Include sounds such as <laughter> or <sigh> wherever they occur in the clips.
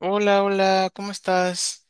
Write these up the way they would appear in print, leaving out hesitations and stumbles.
Hola, hola, ¿cómo estás?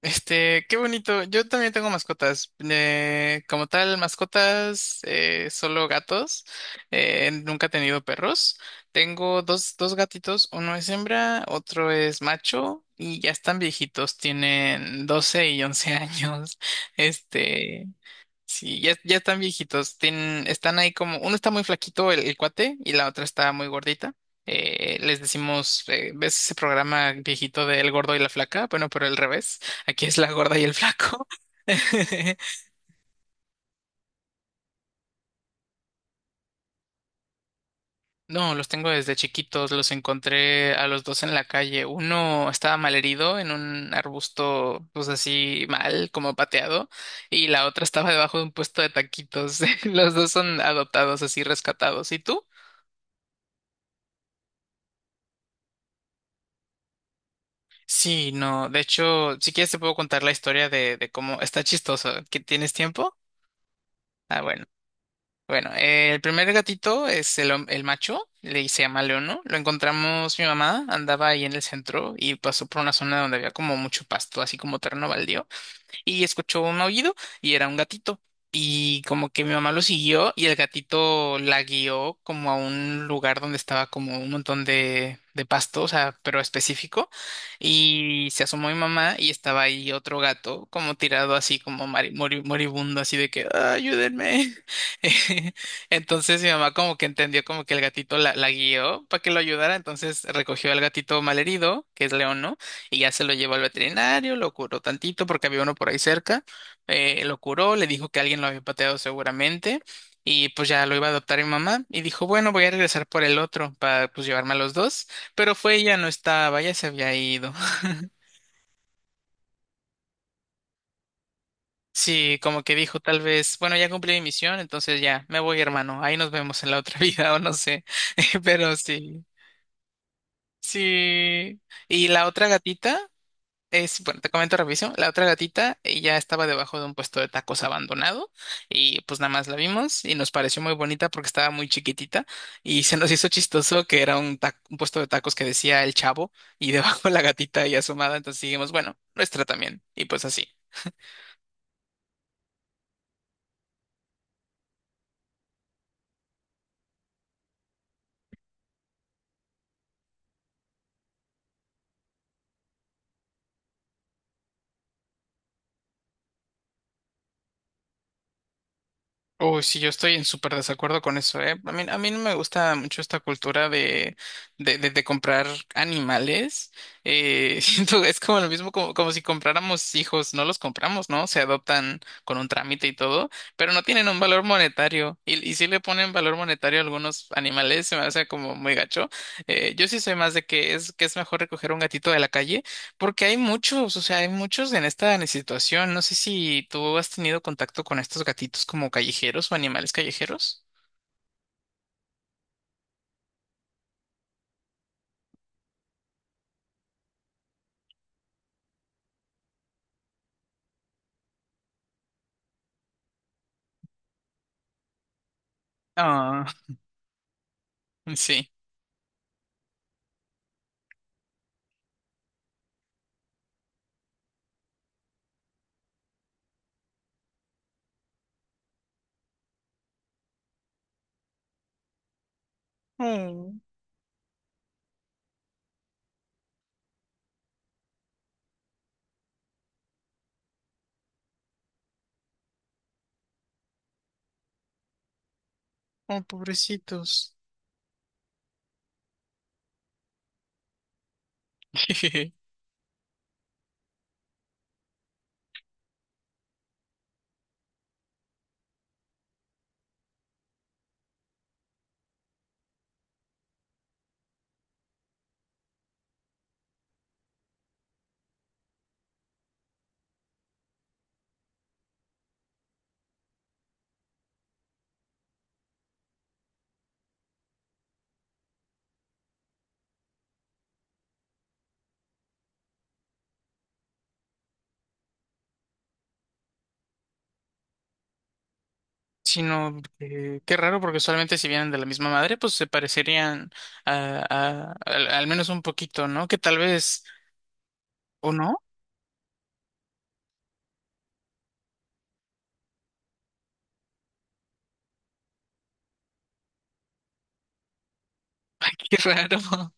Qué bonito. Yo también tengo mascotas. Como tal, mascotas, solo gatos. Nunca he tenido perros. Tengo dos gatitos. Uno es hembra, otro es macho y ya están viejitos. Tienen 12 y 11 años. <laughs> Este, Sí, ya están viejitos. Tienen, están ahí como, uno está muy flaquito, el cuate, y la otra está muy gordita. Les decimos, ¿ves ese programa viejito de El gordo y la flaca? Bueno, pero al revés. Aquí es la gorda y el flaco. <laughs> No, los tengo desde chiquitos. Los encontré a los dos en la calle. Uno estaba malherido en un arbusto, pues así mal, como pateado, y la otra estaba debajo de un puesto de taquitos. <laughs> Los dos son adoptados, así rescatados. ¿Y tú? Sí, no, de hecho, si quieres te puedo contar la historia de cómo está chistoso. ¿Que tienes tiempo? Ah, bueno. Bueno, el primer gatito es el, el macho, le se llama Leono. Lo encontramos mi mamá, andaba ahí en el centro y pasó por una zona donde había como mucho pasto, así como terreno baldío y escuchó un aullido y era un gatito. Y como que mi mamá lo siguió y el gatito la guió como a un lugar donde estaba como un montón de pasto, o sea, pero específico. Y se asomó mi mamá y estaba ahí otro gato como tirado así como moribundo, así de que, "Ah, ayúdenme." <laughs> Entonces mi mamá como que entendió como que el gatito la guió para que lo ayudara, entonces recogió al gatito malherido, que es León, ¿no? Y ya se lo llevó al veterinario, lo curó tantito porque había uno por ahí cerca, lo curó, le dijo que alguien lo había pateado seguramente y pues ya lo iba a adoptar mi mamá y dijo, bueno, voy a regresar por el otro para pues llevarme a los dos, pero fue ella, no estaba, ya se había ido. <laughs> Sí, como que dijo tal vez, bueno, ya cumplí mi misión, entonces ya, me voy hermano, ahí nos vemos en la otra <laughs> vida o no sé, <laughs> pero sí, sí. Y la otra gatita. Es, bueno, te comento revisión. La otra gatita ya estaba debajo de un puesto de tacos abandonado y pues nada más la vimos y nos pareció muy bonita porque estaba muy chiquitita y se nos hizo chistoso que era un, un puesto de tacos que decía el chavo y <laughs> debajo la gatita y asomada. Entonces dijimos, bueno, nuestra también. Y pues así. Uy, sí, yo estoy en súper desacuerdo con eso, ¿eh? A mí no me gusta mucho esta cultura de comprar animales. <laughs> Siento que es como lo mismo como, como si compráramos hijos, no los compramos, ¿no? Se adoptan con un trámite y todo, pero no tienen un valor monetario. Y si le ponen valor monetario a algunos animales, se me hace como muy gacho. Yo sí soy más de que es mejor recoger un gatito de la calle porque hay muchos, o sea, hay muchos en esta situación. No sé si tú has tenido contacto con estos gatitos como callejeros o animales callejeros. Ah, <laughs> sí. Oh, oh, pobrecitos. <laughs> Sino, qué raro, porque solamente si vienen de la misma madre, pues se parecerían a, al menos un poquito, ¿no? Que tal vez, ¿o no? <laughs> Ay, qué raro.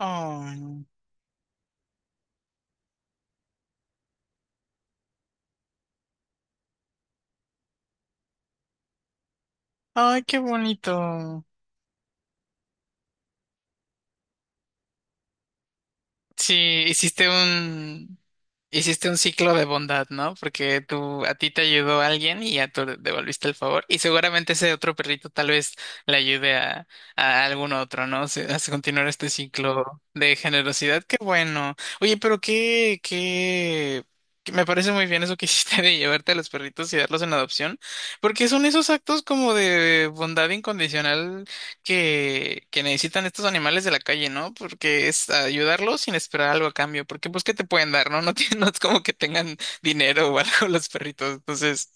Ay, ay, qué bonito. Sí, hiciste un ciclo de bondad, ¿no? Porque tú, a ti te ayudó alguien y ya tú devolviste el favor. Y seguramente ese otro perrito tal vez le ayude a algún otro, ¿no? A continuar este ciclo de generosidad. Qué bueno. Oye, pero que me parece muy bien eso que <laughs> hiciste de llevarte a los perritos y darlos en adopción, porque son esos actos como de bondad incondicional que necesitan estos animales de la calle, ¿no? Porque es ayudarlos sin esperar algo a cambio, porque pues ¿qué te pueden dar, no? No, <laughs> tienen- no es como que tengan dinero o algo los perritos, entonces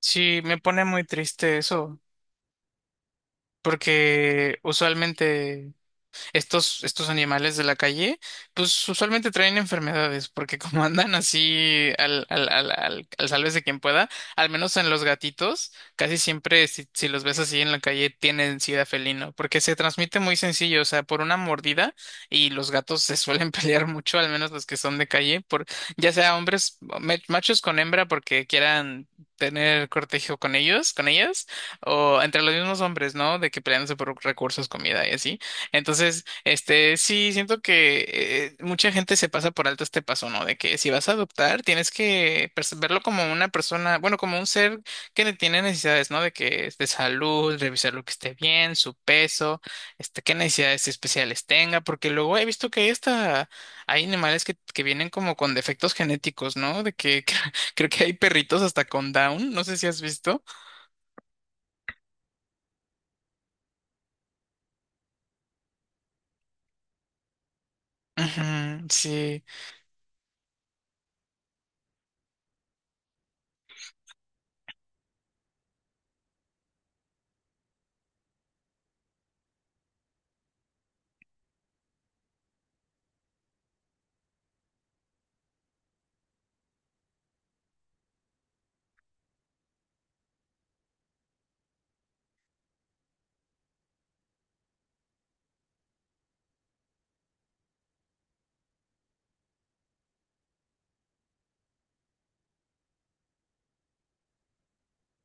sí, me pone muy triste eso, porque usualmente estos animales de la calle, pues usualmente traen enfermedades, porque como <laughs> andan así al sálvese quien pueda, al menos en los gatitos, casi siempre si los ves así en la calle tienen sida felino, porque se transmite muy sencillo, o sea, por una mordida y los gatos se suelen <laughs> pelear mucho, al menos los que son de calle, por ya sea hombres, machos con hembra porque quieran tener cortejo con ellos, con ellas, o entre los mismos hombres, ¿no? De que peleándose por recursos, comida y así. Entonces, este, sí, siento que mucha gente se pasa por alto este paso, ¿no? De que si vas a adoptar, tienes que verlo como una persona, bueno, como un ser que tiene necesidades, ¿no? De que es de salud, revisar lo que esté bien, su peso, este, qué necesidades especiales tenga, porque luego he visto que hay hasta, hay animales que vienen como con defectos genéticos, ¿no? De que <laughs> creo que hay perritos hasta con Down, no sé si has visto. Ujú, sí,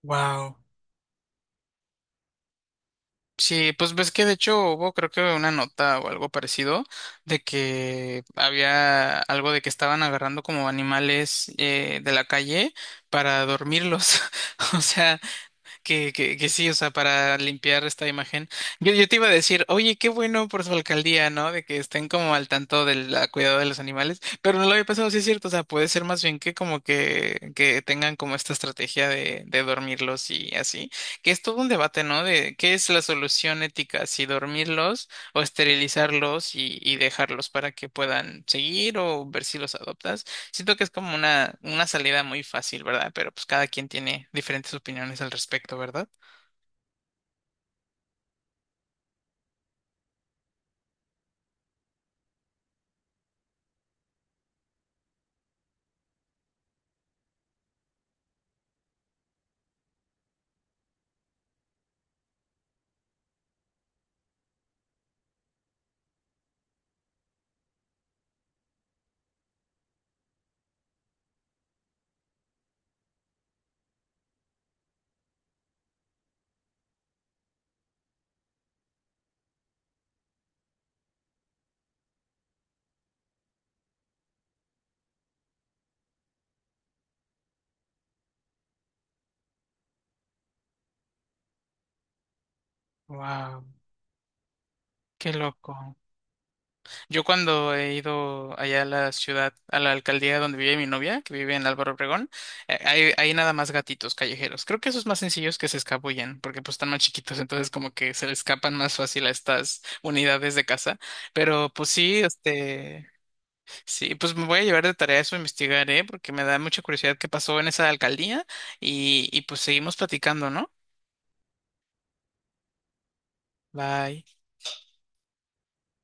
wow. Sí, pues ves que de hecho hubo creo que una nota o algo parecido de que había algo de que estaban agarrando como animales de la calle para dormirlos. <laughs> O sea, que sí, o sea, para limpiar esta imagen. Yo te iba a decir, oye, qué bueno por su alcaldía, ¿no? De que estén como al tanto del cuidado de los animales, pero no lo había pensado, sí es cierto, o sea, puede ser más bien que como que tengan como esta estrategia de dormirlos y así, que es todo un debate, ¿no? De qué es la solución ética, si dormirlos o esterilizarlos y dejarlos para que puedan seguir o ver si los adoptas. Siento que es como una salida muy fácil, ¿verdad? Pero pues cada quien tiene diferentes opiniones al respecto, ¿verdad? Wow, qué loco. Yo cuando he ido allá a la ciudad, a la alcaldía donde vive mi novia, que vive en Álvaro Obregón, hay nada más gatitos callejeros. Creo que esos más sencillos que se escabullen, porque pues están más chiquitos, entonces como que se le escapan más fácil a estas unidades de casa. Pero pues sí, este, sí, pues me voy a llevar de tarea eso, investigar, ¿eh? Porque me da mucha curiosidad qué pasó en esa alcaldía y pues seguimos platicando, ¿no? Bye.